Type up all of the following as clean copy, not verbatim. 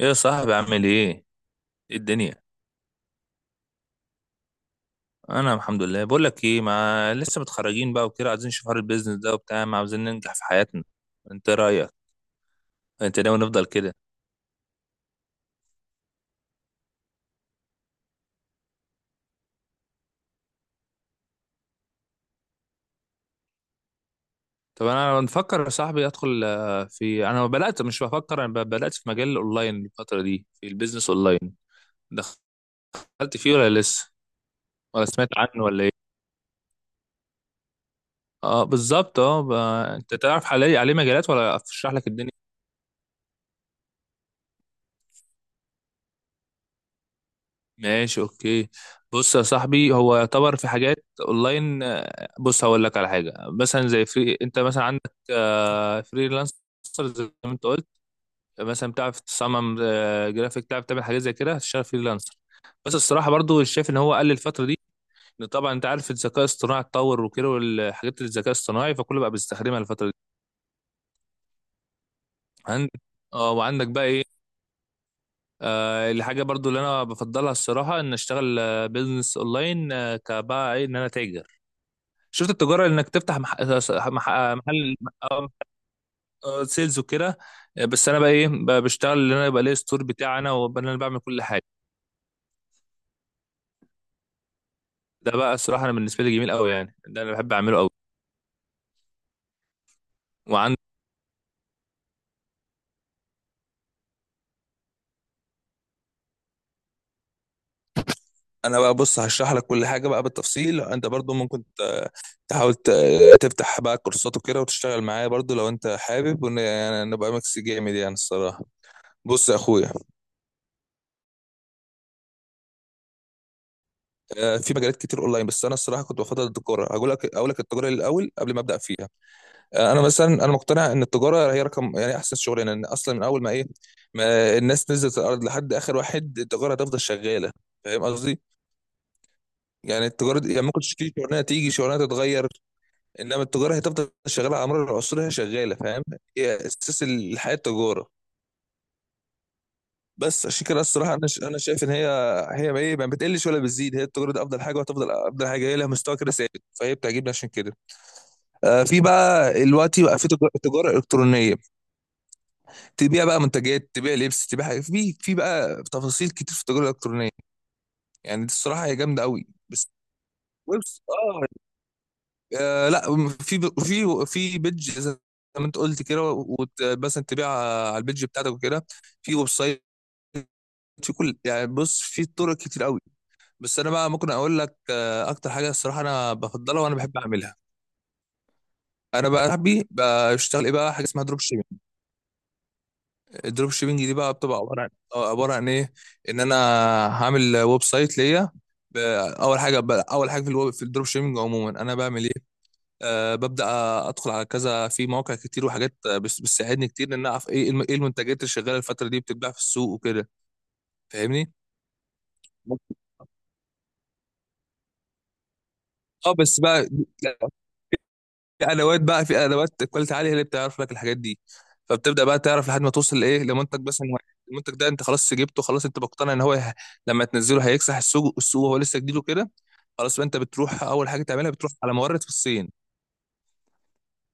ايه يا صاحبي؟ عامل ايه؟ ايه الدنيا؟ انا الحمد لله. بقول لك ايه، ما لسه متخرجين بقى وكده، عايزين نشوف حوار البيزنس ده وبتاع، ما عاوزين ننجح في حياتنا. انت إيه رايك؟ انت ناوي نفضل كده؟ طب انا بفكر يا صاحبي ادخل، آه، في انا بدات مش بفكر انا ب- بدات في مجال الاونلاين الفتره دي، في البيزنس اونلاين. دخلت فيه ولا لسه؟ ولا سمعت عنه ولا ايه؟ اه بالظبط. انت تعرف عليه مجالات ولا اشرح لك الدنيا؟ ماشي، اوكي. بص يا صاحبي، هو يعتبر في حاجات اونلاين، بص هقول لك على حاجه. مثلا زي فري انت مثلا عندك فريلانسر، زي ما انت قلت. مثلا بتعرف تصمم جرافيك، بتعرف تعمل حاجات زي كده، هتشتغل فريلانسر. بس الصراحه برضو شايف ان هو قل الفتره دي. إن طبعا انت عارف الذكاء الاصطناعي اتطور وكده، والحاجات الذكاء الاصطناعي فكله بقى بيستخدمها الفتره دي. عندك، اه وعندك بقى ايه، الحاجه برضو اللي انا بفضلها الصراحه، ان اشتغل بيزنس اونلاين. كبقى ايه، ان انا تاجر. شفت التجاره، انك تفتح محل. آه، سيلز وكده. بس انا بقى ايه، بقى بشتغل ان انا يبقى ليا ستور بتاعي انا، وابقى انا اللي بعمل كل حاجه. ده بقى الصراحه انا بالنسبه لي جميل قوي يعني، ده انا بحب اعمله قوي. وعندي انا بقى، بص هشرح لك كل حاجه بقى بالتفصيل. انت برضو ممكن تحاول تفتح بقى كورسات وكده، وتشتغل معايا برضو لو انت حابب، يعني نبقى ميكس جامد يعني الصراحه. بص يا اخويا، في مجالات كتير اونلاين، بس انا الصراحه كنت بفضل التجاره. هقول لك، اقول لك التجاره الاول قبل ما ابدا فيها. انا مثلا مقتنع ان التجاره هي رقم يعني احسن شغلانه، لان اصلا من اول ما ايه، ما الناس نزلت الارض لحد اخر واحد، التجاره هتفضل شغاله. فاهم قصدي؟ يعني التجاره دي يعني ممكن تشتري شغلانه، تيجي شغلانه تتغير، انما التجاره هتفضل شغاله على مر العصور. هي شغاله، فاهم؟ هي اساس الحياه، التجاره. بس عشان كده الصراحه انا شايف ان هي، هي ما ايه، ما بتقلش ولا بتزيد، هي التجاره دي افضل حاجه وهتفضل افضل حاجه. هي لها مستوى كده ثابت، فهي بتعجبني عشان كده. آه، في بقى دلوقتي بقى في تجاره الكترونيه، تبيع بقى منتجات، تبيع لبس، تبيع حاجات، في بقى تفاصيل كتير في التجاره الالكترونيه. يعني دي الصراحه هي جامده قوي بس. ويبس، اه، لا، في بيدج زي ما انت قلت كده، مثلا تبيع على البيدج بتاعتك وكده، في ويب سايت، في كل، يعني بص في طرق كتير قوي. بس انا بقى ممكن اقول لك اكتر حاجه الصراحه انا بفضلها وانا بحب اعملها. انا بقى صاحبي بشتغل ايه بقى، حاجه اسمها دروب شيبنج. الدروب شيبنج دي بقى بتبقى عباره عن، عباره عن ايه، ان انا هعمل ويب سايت ليا. ب- اول حاجه في الويب في الدروب شيبنج عموما انا بعمل ايه، أه ببدا ادخل على كذا، في مواقع كتير وحاجات، بس بتساعدني كتير ان انا اعرف ايه ايه المنتجات اللي شغاله الفتره دي، بتتباع في السوق وكده. فاهمني؟ اه، بس بقى في ادوات بقى، في ادوات كواليتي عاليه، هي اللي بتعرف لك الحاجات دي. فبتبدا بقى تعرف، لحد ما توصل لايه، لمنتج، بس إن المنتج ده انت خلاص جبته، خلاص انت مقتنع ان لما تنزله هيكسح السوق، وهو لسه جديد وكده. خلاص بقى انت بتروح، اول حاجه تعملها بتروح على مورد في الصين،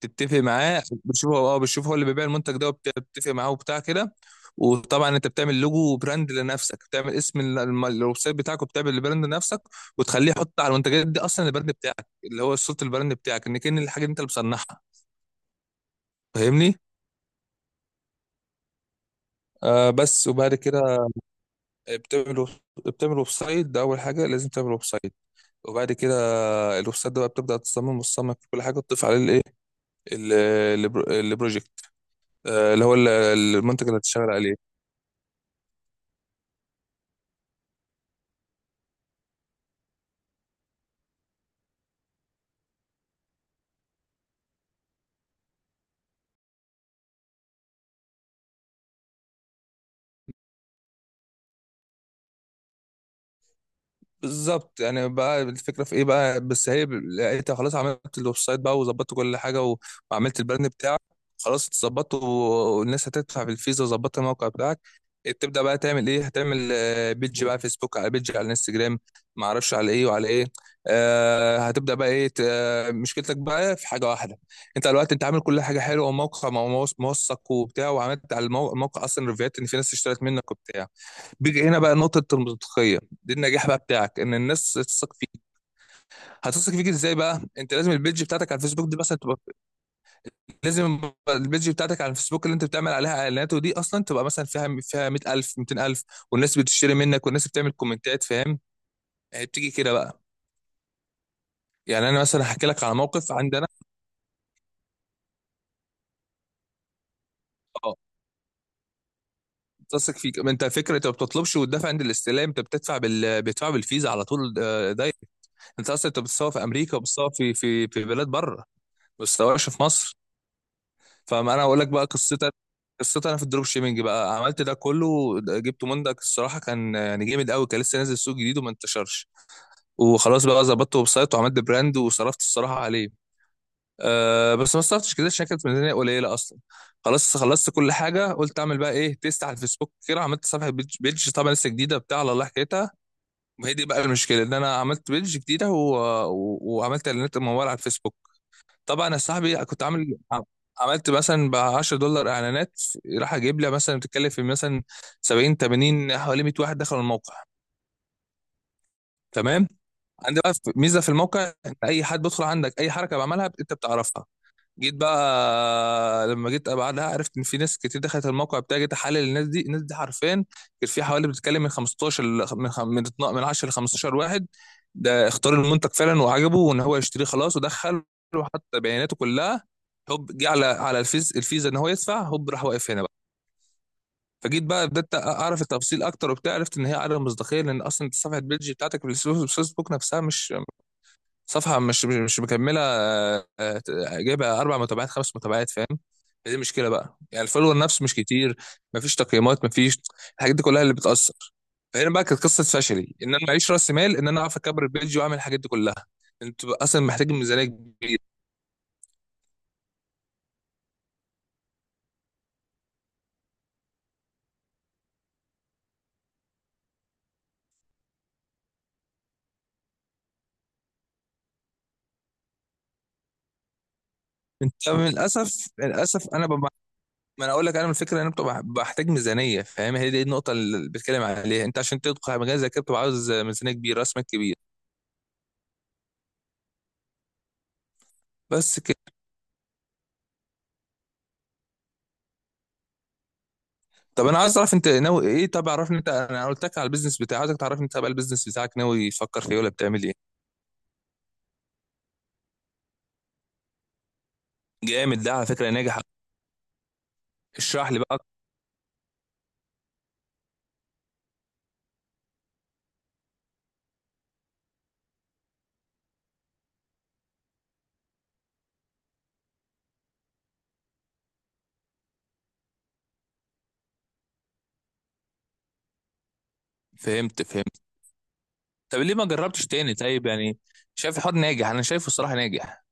تتفق معاه، بتشوف هو اه، بتشوف هو اللي بيبيع المنتج ده، وبتتفق معاه وبتاع كده. وطبعا انت بتعمل لوجو وبراند لنفسك، بتعمل اسم الويب سايت بتاعك، وبتعمل البراند لنفسك، وتخليه يحط على المنتجات دي اصلا البراند بتاعك، اللي هو صوره البراند بتاعك، ان كان الحاجه دي انت اللي بتصنعها. فاهمني؟ آه، بس وبعد كده بتعمل، بتعمل ويب سايت. ده اول حاجه، لازم تعمل ويب سايت، وبعد كده الويب سايت ده بقى بتبدا تصمم، وتصمم في كل حاجه، تضيف عليه الايه، ال- البروجكت، آه اللي هو المنتج اللي هتشتغل عليه. بالظبط. يعني بقى الفكره في ايه بقى، بس هي لقيتها. خلاص عملت الويب سايت بقى، وظبطت كل حاجه، وعملت البراند بتاعك، خلاص اتظبطت، والناس هتدفع في الفيزا، وظبطت الموقع بتاعك. تبدا بقى تعمل ايه، هتعمل بيدج بقى فيسبوك، على بيدج على انستجرام، ما اعرفش على ايه وعلى ايه. آه هتبدا بقى ايه، مشكلتك بقى في حاجه واحده، انت دلوقتي انت عامل كل حاجه حلوه، وموقع موثق وبتاع، وعملت على الموقع اصلا ريفيوهات ان في ناس اشترت منك وبتاع. بيجي هنا بقى نقطة المنطقية، دي النجاح بقى بتاعك، ان الناس تثق فيك. هتثق فيك ازاي بقى، انت لازم البيج بتاعتك على الفيسبوك دي مثلا تبقى، لازم البيج بتاعتك على الفيسبوك اللي انت بتعمل عليها اعلانات، ودي اصلا تبقى مثلا فيها 100,000 200,000، والناس بتشتري منك، والناس بتعمل كومنتات. فاهم؟ هي بتيجي كده بقى. يعني انا مثلا هحكي لك على موقف عندنا. اه، تثق فيك، ما انت فكره انت ما بتطلبش وتدفع عند الاستلام، انت بتدفع بتدفع بالفيزا على طول، دايركت. انت اصلا انت بتصور في امريكا، وبتصور في في بلاد بره، ما بتصورش في مصر. فما انا هقول لك بقى قصتي. قصتي انا في الدروب شيبنج بقى، عملت ده كله. جبته مندك الصراحه، كان يعني جامد قوي، كان لسه نازل سوق جديد وما انتشرش. وخلاص بقى ظبطت ويب سايت، وعملت براند، وصرفت الصراحه عليه. أه بس ما صرفتش كده عشان كانت ميزانيه قليله اصلا. خلاص خلصت كل حاجه، قلت اعمل بقى ايه، تيست على الفيسبوك كده. عملت صفحه بيج طبعا لسه جديده، بتاع على الله حكايتها. وهي دي بقى المشكله، ان انا عملت بيج جديده، وعملت اعلانات مموله على الفيسبوك. طبعا يا صاحبي كنت عامل، عملت مثلا ب $10 اعلانات، راح اجيب لي مثلا، بتتكلم في مثلا 70 80، حوالي 100 واحد دخلوا الموقع. تمام. عندي بقى ميزه في الموقع، ان اي حد بيدخل عندك، اي حركه بعملها انت بتعرفها. جيت بقى لما جيت بعدها، عرفت ان في ناس كتير دخلت الموقع بتاعي. جيت احلل الناس دي، الناس دي حرفيا كان في حوالي بتتكلم من 15 ل- من خم- من 12 من 10 ل 15 واحد، ده اختار المنتج فعلا وعجبه وان هو يشتريه، خلاص ودخل وحط بياناته كلها، هوب جه على على الفيزا ان هو يدفع، هوب راح، واقف هنا بقى. فجيت بقى بدات اعرف التفاصيل اكتر وبتاع، عرفت ان هي عدم مصداقيه، لان اصلا صفحه البيج بتاعتك في الفيسبوك نفسها مش مكمله، جايبه اربع متابعات خمس متابعات. فاهم؟ دي مشكله بقى، يعني الفولور نفسه مش كتير، مفيش تقييمات، مفيش. الحاجات دي كلها اللي بتاثر. فهنا بقى كانت قصه فشلي، ان انا معيش راس مال، ان انا اعرف اكبر البيج واعمل الحاجات دي كلها. انت بقى اصلا محتاج ميزانيه كبيره. انت من الاسف للاسف ما انا اقول لك، انا من الفكره ان انا بتبقى بحتاج ميزانيه. فاهم؟ هي دي النقطه اللي بتكلم عليها انت، عشان تدخل على مجال زي كده بتبقى عاوز ميزانيه كبيره، راس مال كبير. بس. طب انا عايز اعرف انت ناوي ايه، طب عرفني انت، انا قلت لك على البيزنس بتاعي، عايزك تعرفني انت بقى البيزنس بتاعك ناوي يفكر في ايه، ولا بتعمل ايه. جامد ده على فكره، ناجح. اشرح لي بقى. فهمت فهمت. طب ليه ما جربتش تاني طيب يعني؟ شايف الحوار ناجح، انا شايفه الصراحه ناجح.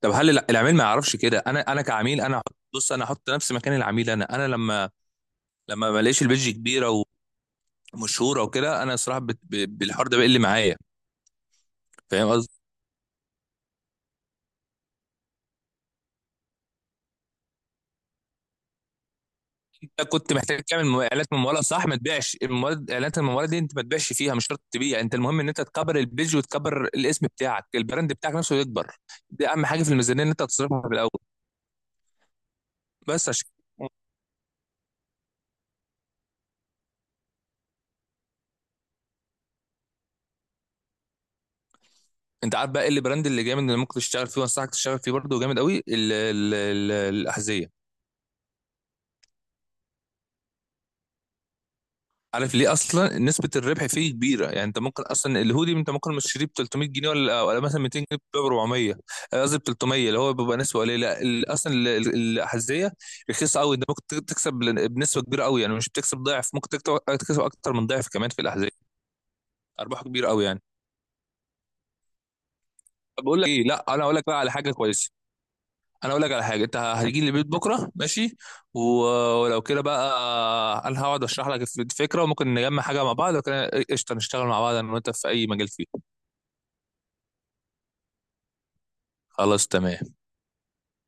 طب هل العميل ما يعرفش كده، انا كعميل، بص انا احط نفسي مكان العميل، انا انا لما لما ما الاقيش البيدج كبيره ومشهوره وكده، انا الصراحه بالحوار ده بيقل معايا. فاهم؟ كنت محتاج تعمل اعلانات مموله، صح؟ ما تبيعش المواد، اعلانات المموله دي انت ما تبيعش فيها، مش شرط تبيع انت، المهم ان انت تكبر البيج، وتكبر الاسم بتاعك، البراند بتاعك نفسه يكبر. دي اهم حاجه في الميزانيه، ان انت تصرفها في الاول. بس عشان، انت عارف بقى ايه البراند اللي جامد اللي ممكن تشتغل فيه، وانصحك تشتغل فيه برضه جامد قوي، الاحذيه. عارف ليه؟ اصلا نسبه الربح فيه كبيره يعني. انت ممكن اصلا الهودي انت ممكن مش تشتريه ب 300 جنيه، ولا مثلا 200 جنيه ب 400، قصدي ب 300، اللي هو بيبقى نسبه قليله. لا، اصلا الحذاء رخيصه قوي، انت ممكن تكسب بنسبه كبيره قوي يعني، مش بتكسب ضعف، ممكن تكسب اكتر من ضعف كمان في الاحذيه. ارباح كبيره قوي يعني. طب بقول لك ايه، لا انا اقول لك بقى على حاجه كويسه، انا اقول لك على حاجه، انت هتيجي لي البيت بكره ماشي، و- ولو كده بقى انا هقعد اشرح لك الفكره، وممكن نجمع حاجه مع بعض وكده، قشطه نشتغل مع بعض انا وانت في اي مجال فيه. خلاص تمام.